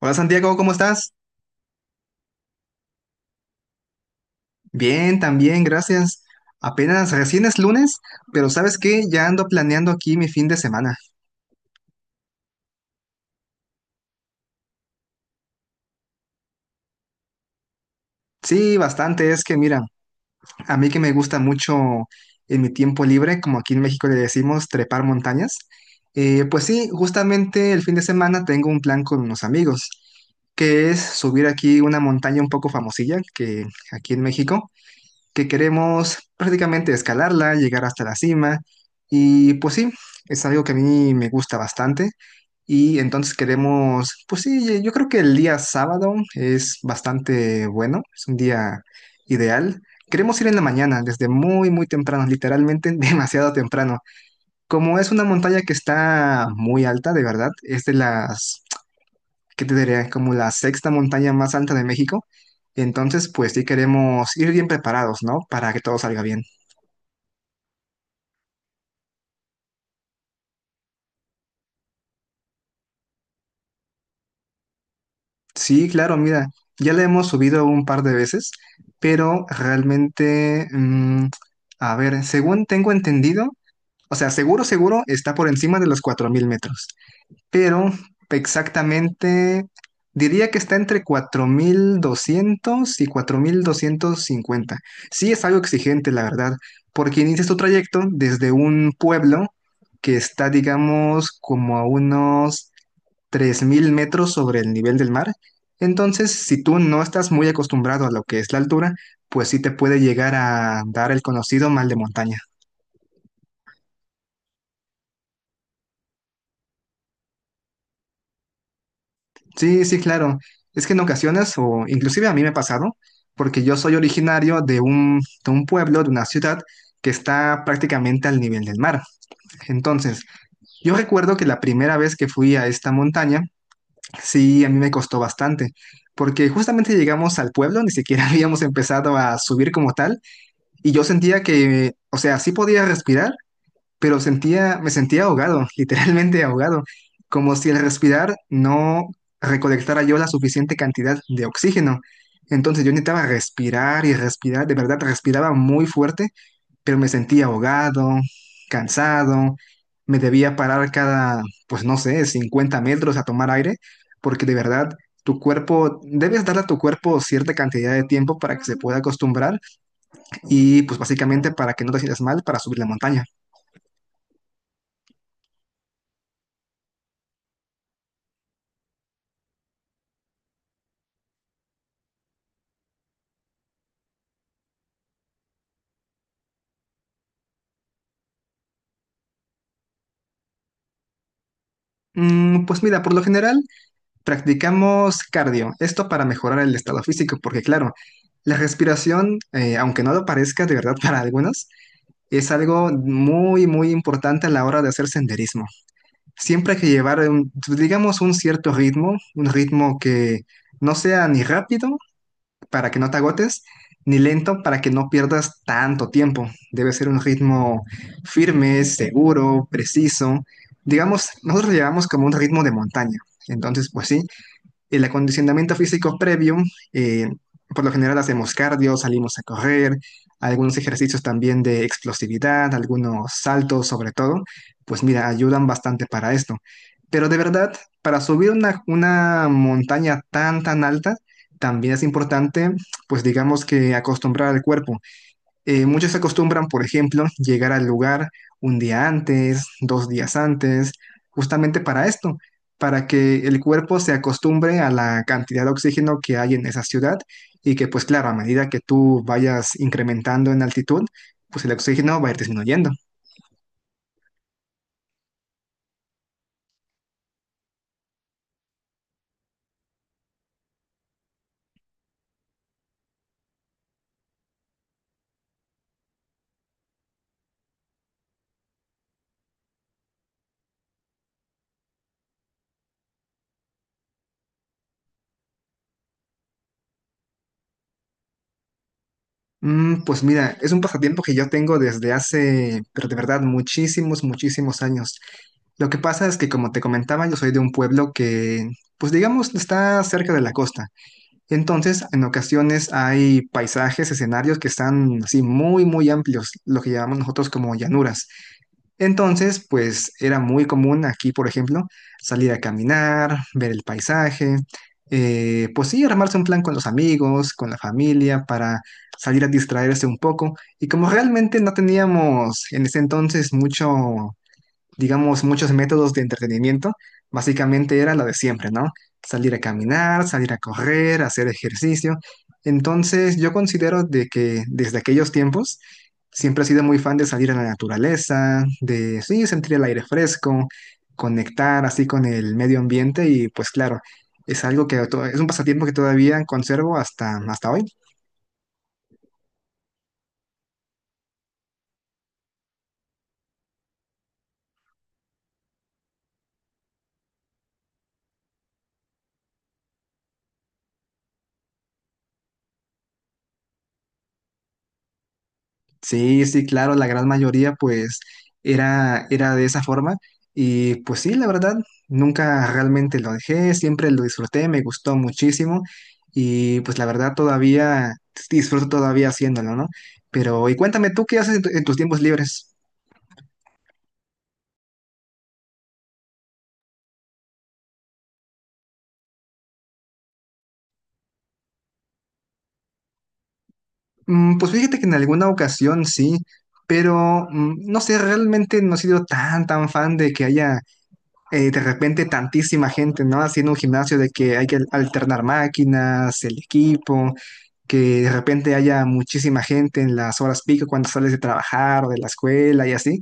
Hola Santiago, ¿cómo estás? Bien, también, gracias. Apenas recién es lunes, pero ¿sabes qué? Ya ando planeando aquí mi fin de semana. Sí, bastante, es que mira, a mí que me gusta mucho en mi tiempo libre, como aquí en México le decimos trepar montañas, pues sí, justamente el fin de semana tengo un plan con unos amigos, que es subir aquí una montaña un poco famosilla, que aquí en México. Que queremos prácticamente escalarla, llegar hasta la cima. Y pues sí, es algo que a mí me gusta bastante. Y entonces queremos, pues sí, yo creo que el día sábado es bastante bueno, es un día ideal. Queremos ir en la mañana, desde muy temprano, literalmente demasiado temprano. Como es una montaña que está muy alta, de verdad, es de las que te diré? Como la sexta montaña más alta de México. Entonces, pues sí queremos ir bien preparados, ¿no? Para que todo salga bien. Sí, claro, mira, ya la hemos subido un par de veces, pero realmente, a ver, según tengo entendido, o sea, seguro está por encima de los 4000 metros. Pero exactamente diría que está entre 4200 y 4250. Sí es algo exigente, la verdad, porque inicias tu trayecto desde un pueblo que está, digamos, como a unos 3000 metros sobre el nivel del mar. Entonces, si tú no estás muy acostumbrado a lo que es la altura, pues sí te puede llegar a dar el conocido mal de montaña. Sí, sí, claro. Es que en ocasiones, o inclusive a mí me ha pasado, porque yo soy originario de un pueblo, de una ciudad que está prácticamente al nivel del mar. Entonces, yo recuerdo que la primera vez que fui a esta montaña, sí, a mí me costó bastante, porque justamente llegamos al pueblo, ni siquiera habíamos empezado a subir como tal, y yo sentía que, o sea, sí podía respirar, pero me sentía ahogado, literalmente ahogado, como si al respirar no recolectara yo la suficiente cantidad de oxígeno. Entonces yo necesitaba respirar y respirar, de verdad respiraba muy fuerte, pero me sentía ahogado, cansado, me debía parar cada, pues no sé, 50 metros a tomar aire, porque de verdad tu cuerpo, debes darle a tu cuerpo cierta cantidad de tiempo para que se pueda acostumbrar y pues básicamente para que no te sientas mal para subir la montaña. Pues mira, por lo general practicamos cardio, esto para mejorar el estado físico, porque claro, la respiración, aunque no lo parezca de verdad para algunos, es algo muy importante a la hora de hacer senderismo. Siempre hay que llevar, digamos, un cierto ritmo, un ritmo que no sea ni rápido para que no te agotes, ni lento para que no pierdas tanto tiempo. Debe ser un ritmo firme, seguro, preciso. Digamos, nosotros lo llevamos como un ritmo de montaña. Entonces, pues sí, el acondicionamiento físico previo, eh, por lo general hacemos cardio, salimos a correr, algunos ejercicios también de explosividad, algunos saltos sobre todo, pues mira, ayudan bastante para esto. Pero de verdad, para subir una montaña tan alta, también es importante, pues digamos que acostumbrar al cuerpo. Muchos acostumbran, por ejemplo, llegar al lugar un día antes, dos días antes, justamente para esto, para que el cuerpo se acostumbre a la cantidad de oxígeno que hay en esa ciudad y que, pues claro, a medida que tú vayas incrementando en altitud, pues el oxígeno va a ir disminuyendo. Pues mira, es un pasatiempo que yo tengo desde hace, pero de verdad, muchísimos años. Lo que pasa es que, como te comentaba, yo soy de un pueblo que, pues digamos, está cerca de la costa. Entonces, en ocasiones hay paisajes, escenarios que están así muy amplios, lo que llamamos nosotros como llanuras. Entonces, pues era muy común aquí, por ejemplo, salir a caminar, ver el paisaje, pues sí, armarse un plan con los amigos, con la familia, para salir a distraerse un poco. Y como realmente no teníamos en ese entonces mucho digamos, muchos métodos de entretenimiento, básicamente era lo de siempre, ¿no? Salir a caminar, salir a correr, hacer ejercicio. Entonces, yo considero de que desde aquellos tiempos siempre he sido muy fan de salir a la naturaleza, de sí, sentir el aire fresco, conectar así con el medio ambiente y pues claro, es algo que es un pasatiempo que todavía conservo hasta hoy. Sí, sí, claro, la gran mayoría pues era de esa forma y pues sí, la verdad, nunca realmente lo dejé, siempre lo disfruté, me gustó muchísimo y pues la verdad todavía disfruto todavía haciéndolo, ¿no? Pero y cuéntame tú qué haces en, en tus tiempos libres. Pues fíjate que en alguna ocasión sí, pero no sé, realmente no he sido tan fan de que haya de repente tantísima gente, ¿no? Haciendo un gimnasio de que hay que alternar máquinas, el equipo, que de repente haya muchísima gente en las horas pico cuando sales de trabajar o de la escuela y así.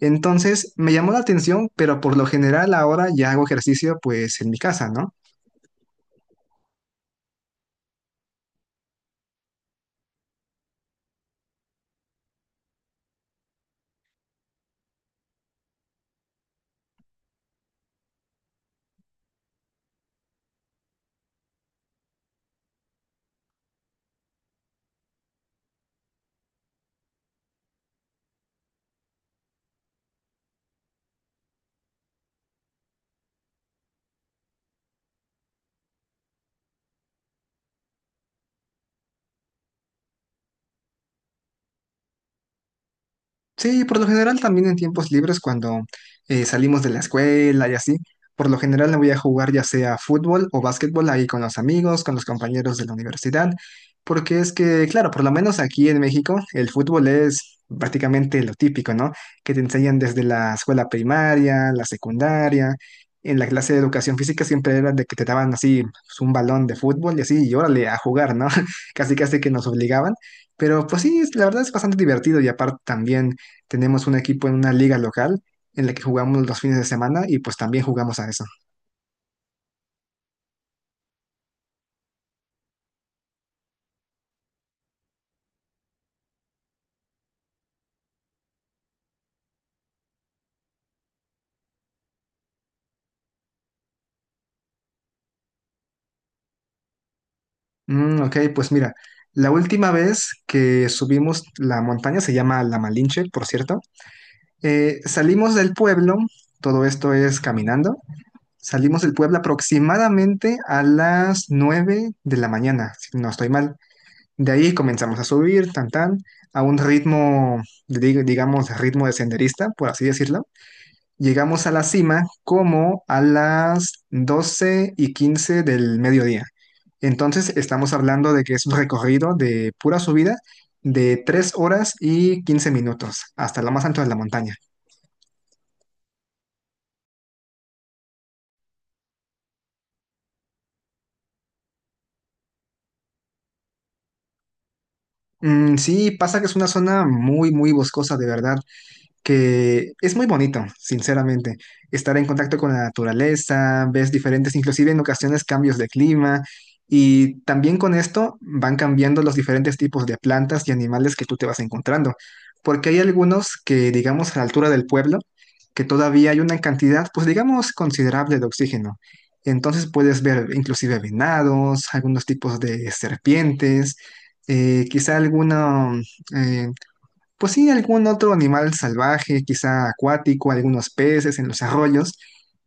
Entonces me llamó la atención, pero por lo general ahora ya hago ejercicio pues en mi casa, ¿no? Sí, por lo general también en tiempos libres cuando salimos de la escuela y así, por lo general me voy a jugar ya sea fútbol o básquetbol ahí con los amigos, con los compañeros de la universidad, porque es que, claro, por lo menos aquí en México el fútbol es prácticamente lo típico, ¿no? Que te enseñan desde la escuela primaria, la secundaria, en la clase de educación física siempre era de que te daban así pues, un balón de fútbol y así, y órale, a jugar, ¿no? Casi casi que nos obligaban, pero pues sí, la verdad es bastante divertido y aparte también... Tenemos un equipo en una liga local en la que jugamos los fines de semana y pues también jugamos a eso. Ok, pues mira, la última vez que subimos la montaña, se llama La Malinche, por cierto, salimos del pueblo, todo esto es caminando, salimos del pueblo aproximadamente a las 9 de la mañana, si no estoy mal. De ahí comenzamos a subir, a un ritmo, digamos, ritmo de senderista, por así decirlo. Llegamos a la cima como a las 12:15 del mediodía. Entonces estamos hablando de que es un recorrido de pura subida de 3 horas y 15 minutos hasta lo más alto de la montaña. Sí, pasa que es una zona muy boscosa, de verdad. Que es muy bonito, sinceramente, estar en contacto con la naturaleza, ves diferentes, inclusive en ocasiones cambios de clima, y también con esto van cambiando los diferentes tipos de plantas y animales que tú te vas encontrando, porque hay algunos que, digamos, a la altura del pueblo, que todavía hay una cantidad, pues digamos, considerable de oxígeno. Entonces puedes ver inclusive venados, algunos tipos de serpientes, quizá alguna pues sí, algún otro animal salvaje, quizá acuático, algunos peces en los arroyos,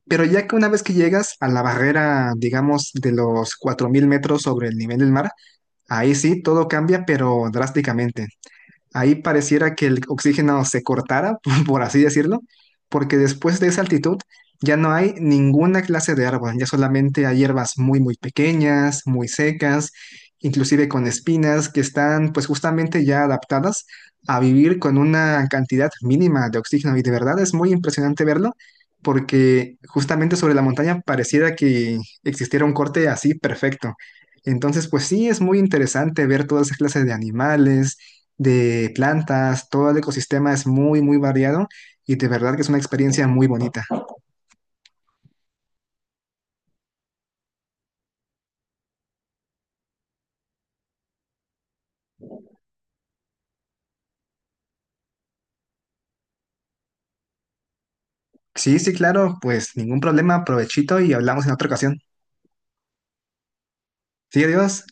pero ya que una vez que llegas a la barrera, digamos, de los 4000 metros sobre el nivel del mar, ahí sí todo cambia, pero drásticamente. Ahí pareciera que el oxígeno se cortara, por así decirlo, porque después de esa altitud ya no hay ninguna clase de árbol, ya solamente hay hierbas muy pequeñas, muy secas, inclusive con espinas que están pues justamente ya adaptadas a vivir con una cantidad mínima de oxígeno y de verdad es muy impresionante verlo porque justamente sobre la montaña pareciera que existiera un corte así perfecto. Entonces, pues sí, es muy interesante ver todas esas clases de animales, de plantas, todo el ecosistema es muy variado y de verdad que es una experiencia muy bonita. Sí, sí, claro, pues ningún problema, provechito y hablamos en otra ocasión. Sí, adiós.